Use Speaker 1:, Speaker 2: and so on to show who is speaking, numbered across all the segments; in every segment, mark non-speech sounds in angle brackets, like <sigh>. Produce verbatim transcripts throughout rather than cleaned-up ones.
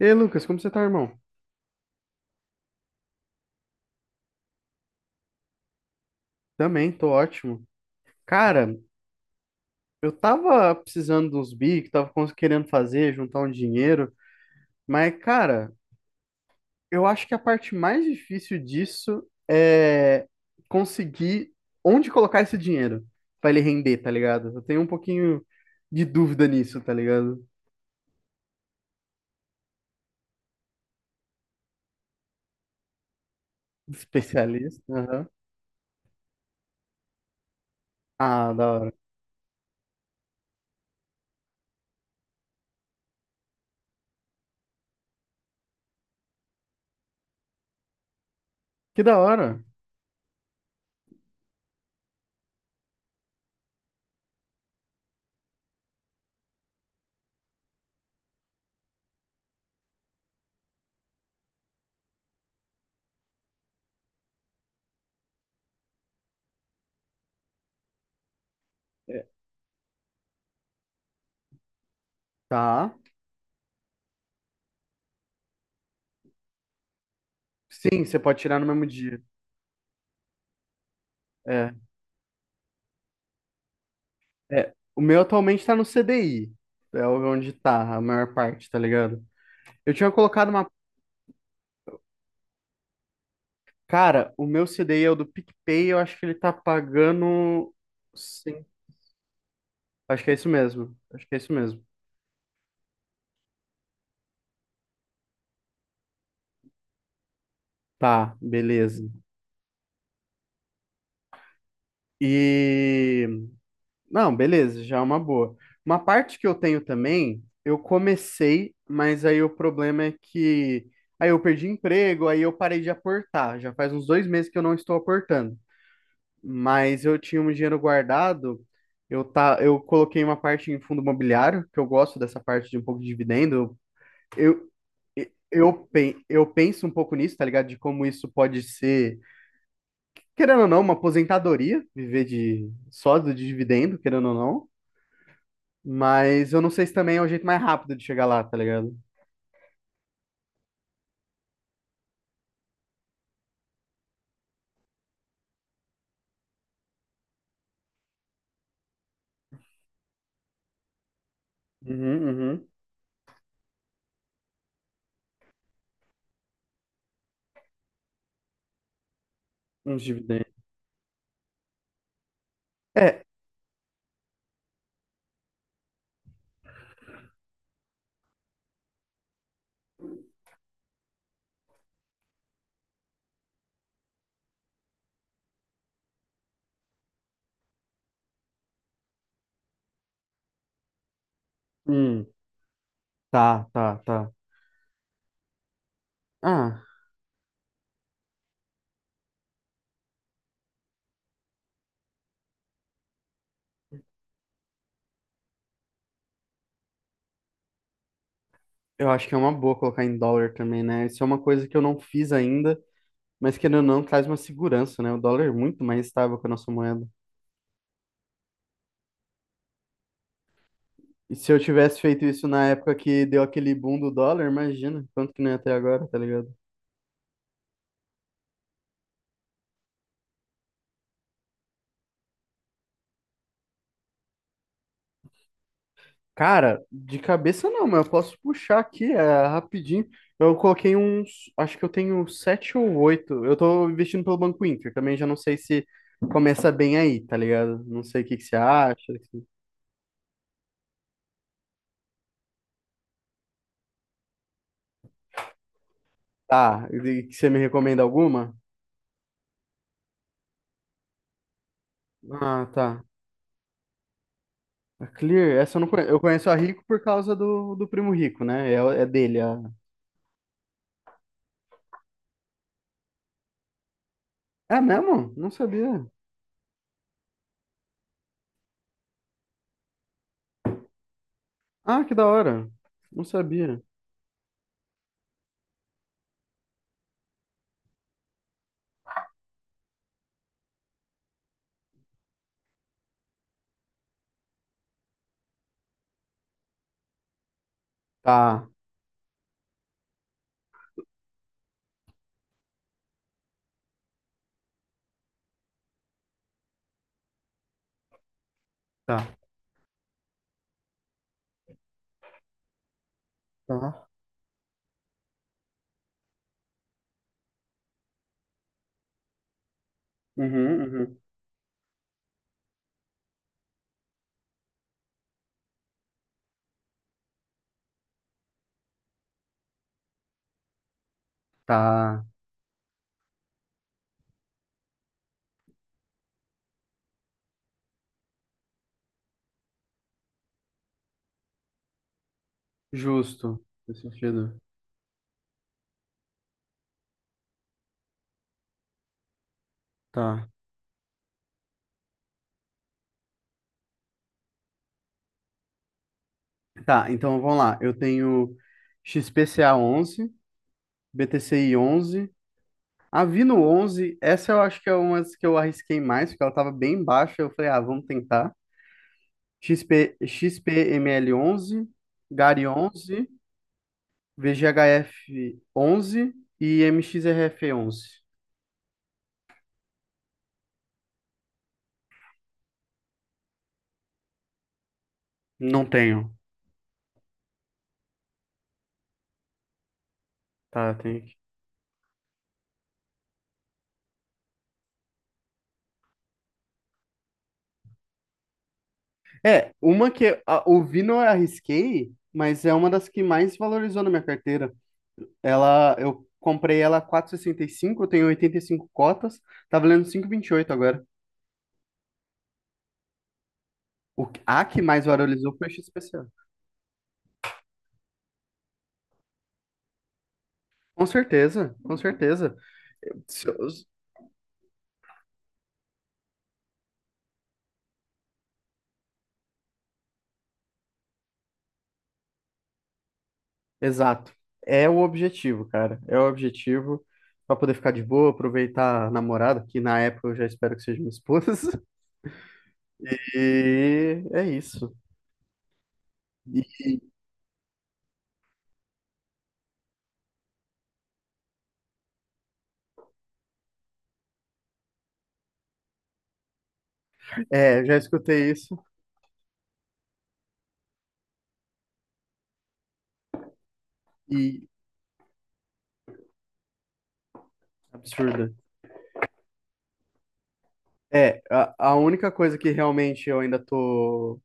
Speaker 1: E aí, Lucas, como você tá, irmão? Também, tô ótimo. Cara, eu tava precisando de uns bicos, tava cons- querendo fazer, juntar um dinheiro, mas, cara, eu acho que a parte mais difícil disso é conseguir onde colocar esse dinheiro pra ele render, tá ligado? Eu tenho um pouquinho de dúvida nisso, tá ligado? Especialista, aham. Ah, da hora. Que da hora. É. Tá. Sim, você pode tirar no mesmo dia. É. É, o meu atualmente tá no C D I. É onde tá a maior parte, tá ligado? Eu tinha colocado uma. Cara, o meu C D I é o do PicPay, eu acho que ele tá pagando. Sim. Acho que é isso mesmo. Acho que é isso mesmo. Tá, beleza. E. Não, beleza, já é uma boa. Uma parte que eu tenho também, eu comecei, mas aí o problema é que. Aí eu perdi emprego, aí eu parei de aportar. Já faz uns dois meses que eu não estou aportando. mas eu tinha um dinheiro guardado. Eu, tá, eu coloquei uma parte em fundo imobiliário, que eu gosto dessa parte de um pouco de dividendo. Eu, eu, pen- eu penso um pouco nisso, tá ligado? De como isso pode ser, querendo ou não, uma aposentadoria, viver de só do dividendo, querendo ou não. Mas eu não sei se também é o jeito mais rápido de chegar lá, tá ligado? Uhum, uhum. Uns dividendos. É. Hum, tá, tá, tá. Ah, eu acho que é uma boa colocar em dólar também, né? Isso é uma coisa que eu não fiz ainda. Mas querendo ou não, traz uma segurança, né? O dólar é muito mais estável que a nossa moeda. E se eu tivesse feito isso na época que deu aquele boom do dólar, imagina quanto que não é até agora, tá ligado? Cara, de cabeça não, mas eu posso puxar aqui, é rapidinho. Eu coloquei uns, acho que eu tenho sete ou oito. Eu tô investindo pelo Banco Inter, também já não sei se começa bem aí, tá ligado? Não sei o que que você acha, assim. Tá, e que você me recomenda alguma? Ah, tá. A Clear, essa eu não conheço. Eu conheço a Rico por causa do, do Primo Rico, né? É, é dele. A... É mesmo? Não sabia. Ah, que da hora. Não sabia. Tá, tá, tá. Uhum, uhum. Tá. Justo. Nesse sentido. Tá. Tá, então vamos lá. Eu tenho X P C A onze, B T C I onze, Avino onze. Essa eu acho que é uma das que eu arrisquei mais, porque ela tava bem baixa. Eu falei, ah, vamos tentar. X P, XPML onze, Gary onze. V G H F onze e M X R F onze. Não tenho. Tá, tem aqui. É, uma que é, a- o Vino eu arrisquei, mas é uma das que mais valorizou na minha carteira. Ela, eu comprei ela a quatro vírgula sessenta e cinco. Eu tenho oitenta e cinco cotas, tá valendo cinco vírgula vinte e oito agora. O, que- a que mais valorizou foi a X P C O. Com certeza, com certeza. Se eu- Exato. É o objetivo, cara. É o objetivo para poder ficar de boa, aproveitar a namorada, que na época eu já espero que seja minha esposa. <laughs> E é isso. E, é, já escutei isso e absurda. É, a, a única coisa que realmente eu ainda tô,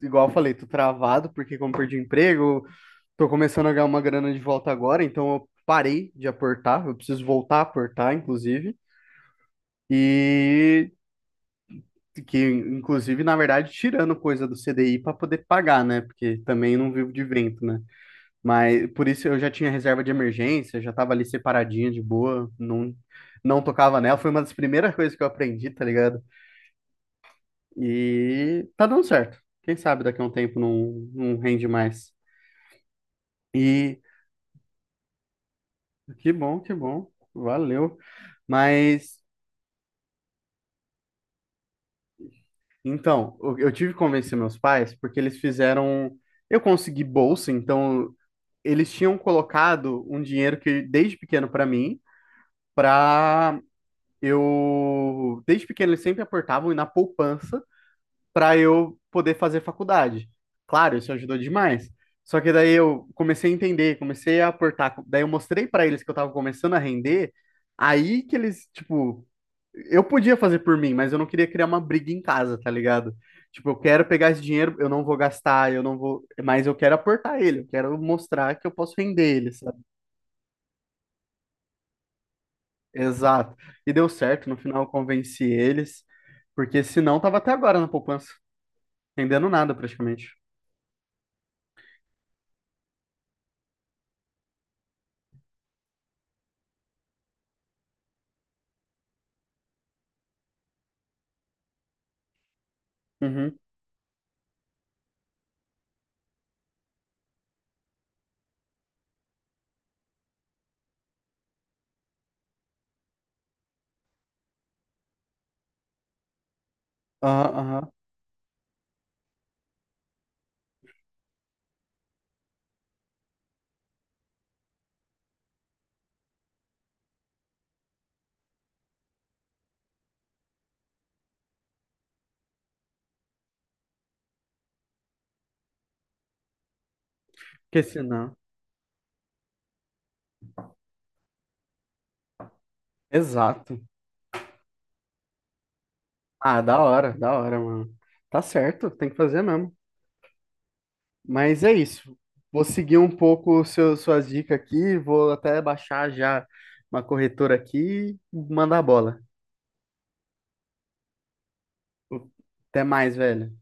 Speaker 1: igual eu falei, tô travado, porque como perdi o emprego, tô começando a ganhar uma grana de volta agora, então eu parei de aportar, eu preciso voltar a aportar, inclusive. E que inclusive, na verdade, tirando coisa do C D I para poder pagar, né? Porque também não vivo de vento, né? Mas por isso eu já tinha reserva de emergência, já tava ali separadinha de boa, não não tocava nela, foi uma das primeiras coisas que eu aprendi, tá ligado? E tá dando certo. Quem sabe daqui a um tempo não, não rende mais. E que bom, que bom. Valeu. Mas então, eu eu tive que convencer meus pais porque eles fizeram eu consegui bolsa, então eles tinham colocado um dinheiro que desde pequeno para mim, para eu desde pequeno eles sempre aportavam na poupança para eu poder fazer faculdade. Claro, isso ajudou demais. Só que daí eu comecei a entender, comecei a aportar, daí eu mostrei para eles que eu tava começando a render, aí que eles, tipo, eu podia fazer por mim, mas eu não queria criar uma briga em casa, tá ligado? Tipo, eu quero pegar esse dinheiro, eu não vou gastar, eu não vou, mas eu quero aportar ele, eu quero mostrar que eu posso render ele, Exato. E deu certo, no final eu convenci eles, porque senão tava até agora na poupança, rendendo nada praticamente. Uhum. Aham, aham. Porque senão. Exato. Ah, da hora, da hora, mano. Tá certo, tem que fazer mesmo. Mas é isso. Vou seguir um pouco o seu, suas dicas aqui, vou até baixar já uma corretora aqui e mandar a bola. Até mais, velho.